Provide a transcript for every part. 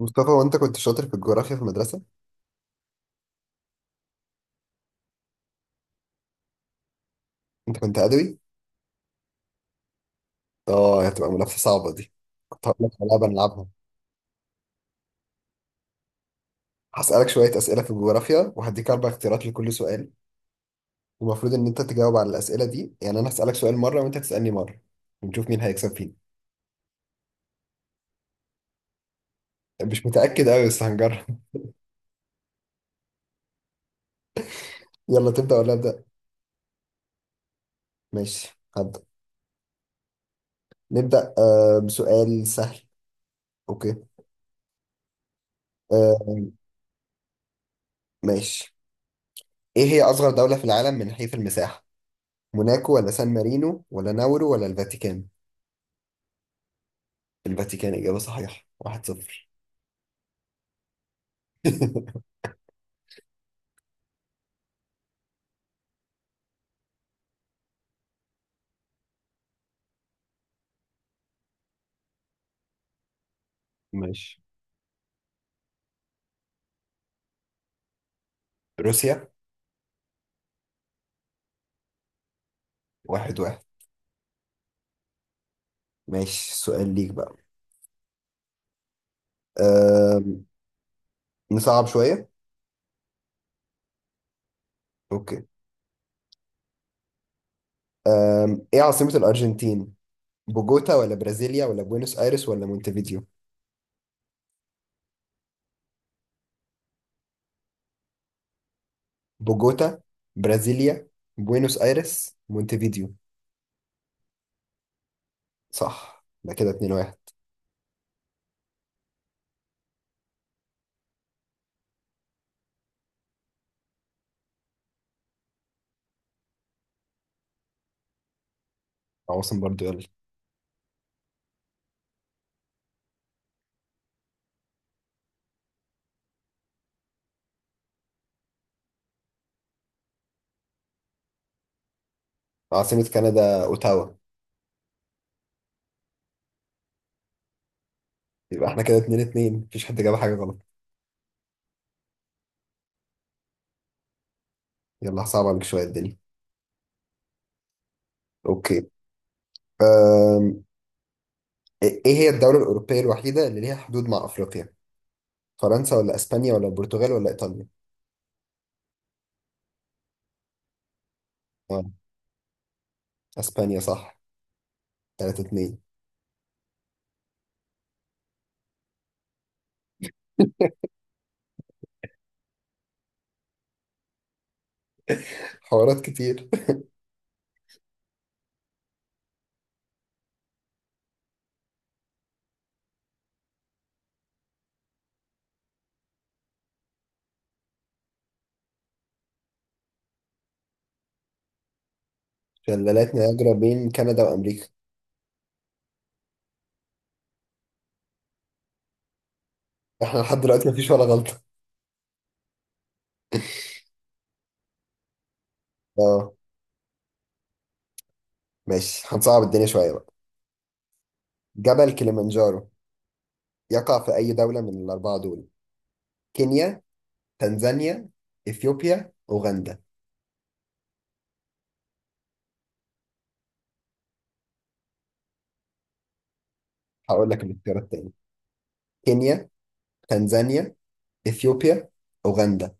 مصطفى وانت كنت شاطر في الجغرافيا في المدرسة. انت كنت ادبي؟ اه، هتبقى منافسة صعبة دي. كنت هقول لك على لعبة نلعبها. هسألك شوية أسئلة في الجغرافيا وهديك أربع اختيارات لكل سؤال. المفروض إن أنت تجاوب على الأسئلة دي، يعني أنا هسألك سؤال مرة وأنت تسألني مرة ونشوف مين هيكسب فينا. مش متأكد أوي، بس هنجرب. يلا تبدأ ولا أبدأ؟ ماشي، هبدأ. نبدأ بسؤال سهل. أوكي. آه، ماشي. إيه هي أصغر دولة في العالم من حيث المساحة؟ موناكو ولا سان مارينو ولا ناورو ولا الفاتيكان؟ الفاتيكان إجابة صحيحة، واحد صفر. ماشي، روسيا. واحد واحد. ماشي، سؤال ليك بقى. أم... نصعب شوية. أوكي. إيه عاصمة الأرجنتين؟ بوجوتا ولا برازيليا ولا بوينوس آيرس ولا مونتفيديو؟ بوجوتا، برازيليا، بوينوس آيرس، مونتفيديو. صح، ده كده اتنين واحد. عواصم برضو، يلا. عاصمة كندا أوتاوا. يبقى احنا كده اتنين اتنين، مفيش حد جاب حاجة غلط. يلا هصعب عليك شوية الدنيا. أوكي. أم... ايه هي الدولة الأوروبية الوحيدة اللي ليها حدود مع أفريقيا؟ فرنسا ولا اسبانيا ولا البرتغال ولا ايطاليا؟ اه، اسبانيا صح. 3-2. حوارات كتير. شلالات نياجرا بين كندا وامريكا. احنا لحد دلوقتي مفيش ولا غلطة. اه ماشي، هنصعب الدنيا شوية بقى. جبل كليمنجارو يقع في أي دولة من الأربعة دول؟ كينيا، تنزانيا، إثيوبيا، أوغندا. هقول لك الاختيارات تاني. كينيا، تنزانيا، إثيوبيا، أوغندا.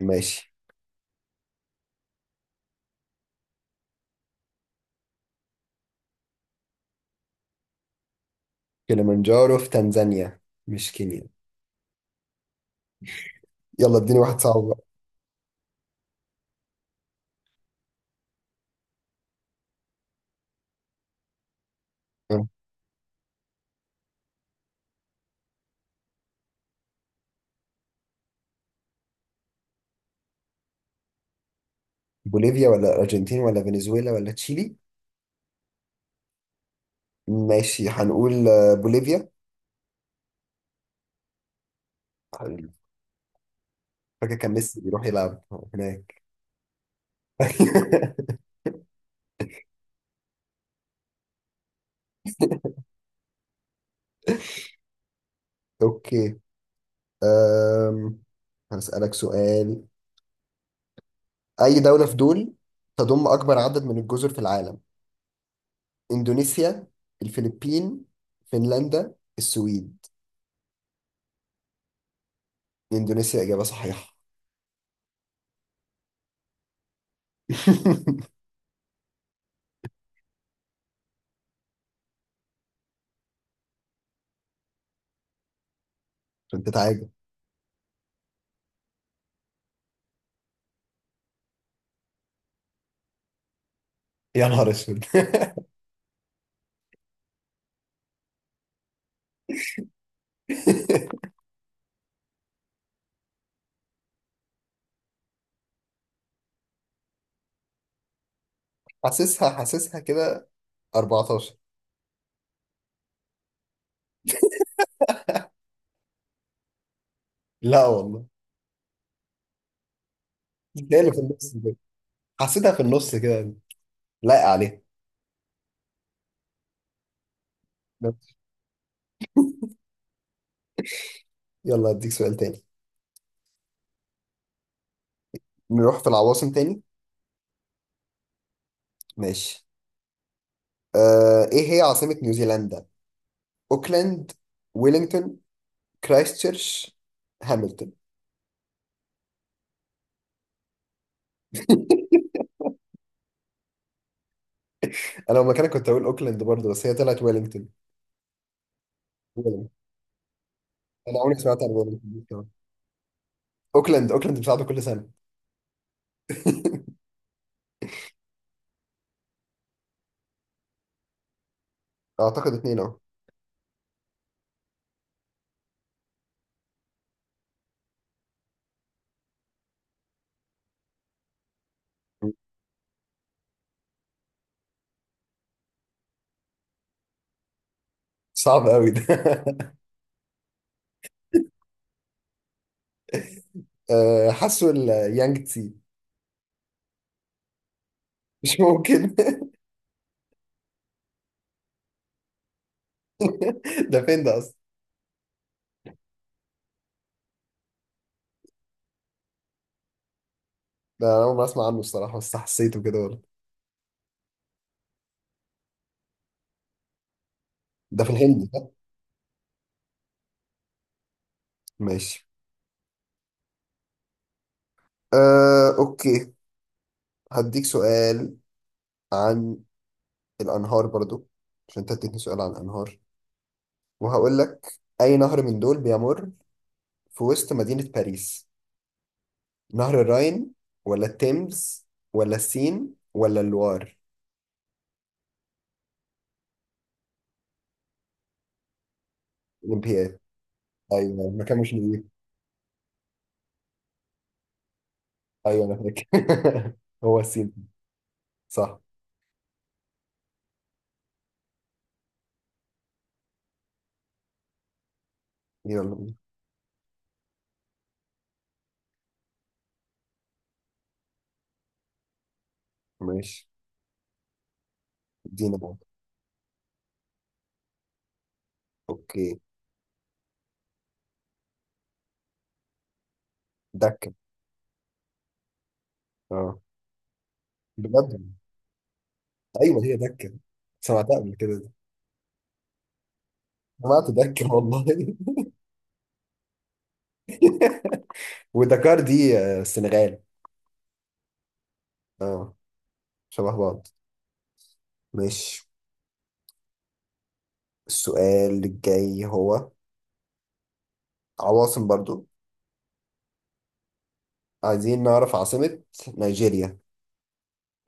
ماشي. كليمنجارو في تنزانيا، مش كينيا. يلا اديني واحد صعب بقى. آه. بوليفيا ولا الارجنتين ولا فنزويلا ولا تشيلي؟ ماشي، هنقول آه، بوليفيا. فاكر كان ميسي بيروح يلعب هناك. اوكي. أم... هسألك سؤال. اي دولة في دول تضم اكبر عدد من الجزر في العالم؟ اندونيسيا، الفلبين، فنلندا، السويد. اندونيسيا اجابة صحيحة. عشان تتعادل. يا نهار اسود. حاسسها، حاسسها كده 14. لا والله، هي اللي في النص كده، حسيتها في النص كده، لايقة عليها. ماشي. يلا اديك سؤال تاني. نروح في العواصم تاني. ماشي. آه، ايه هي عاصمة نيوزيلندا؟ اوكلاند، ويلينغتون، كرايستشيرش، هاملتون. انا لو مكانك كنت اقول اوكلاند برضه، بس هي طلعت ويلينغتون. ويلينغتون. انا عمري ما سمعت عن ويلينغتون دي كمان. اوكلاند، اوكلاند بتلعب كل سنة. اعتقد اتنين اهو. صعب قوي ده. آه، حاسه اليانج تسي. مش ممكن. ده فين ده اصلا؟ ده انا اول ما اسمع عنه الصراحه، بس حسيته كده برضه. ده في الهند صح؟ ماشي. آه، اوكي. هديك سؤال عن الانهار برضو، عشان انت اديتني سؤال عن الانهار. وهقول لك، اي نهر من دول بيمر في وسط مدينه باريس؟ نهر الراين ولا التيمز ولا السين ولا اللوار؟ الامبياد. ايوه، المكان مش نظيف. ايوه انا فاكر. هو السين. صح. يلا بينا. ماشي، ادينا بقى. اوكي. دكه. اه. بجد؟ ايوه هي دكه، سمعتها قبل كده دي. سمعت دكه والله. ودكار دي آه، السنغال. اه، شبه بعض. ماشي. السؤال الجاي هو عواصم برضو. عايزين نعرف عاصمة نيجيريا.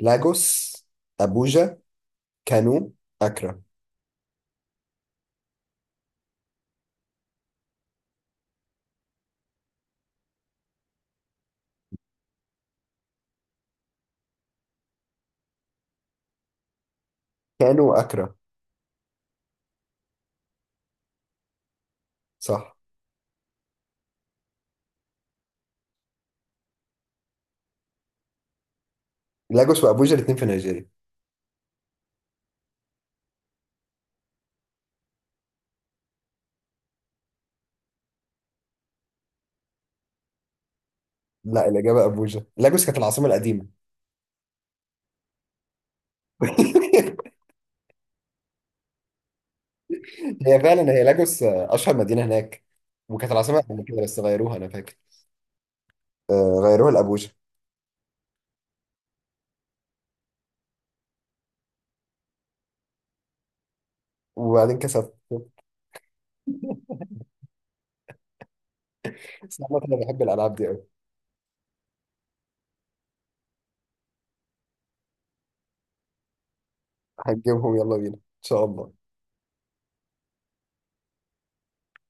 لاجوس، أبوجا، كانو، أكرا. كانو أكرا؟ صح. لاجوس وأبوجا الاتنين في نيجيريا. لا، الإجابة أبوجا. لاجوس كانت العاصمة القديمة. هي فعلا هي لاجوس آه، أشهر مدينة هناك، وكانت العاصمة قبل كده بس غيروها أنا فاكر. آه، غيروها لأبوجا. وبعدين كسبت. بس عامة أنا بحب الألعاب دي أوي. هنجيبهم، يلا بينا إن شاء الله.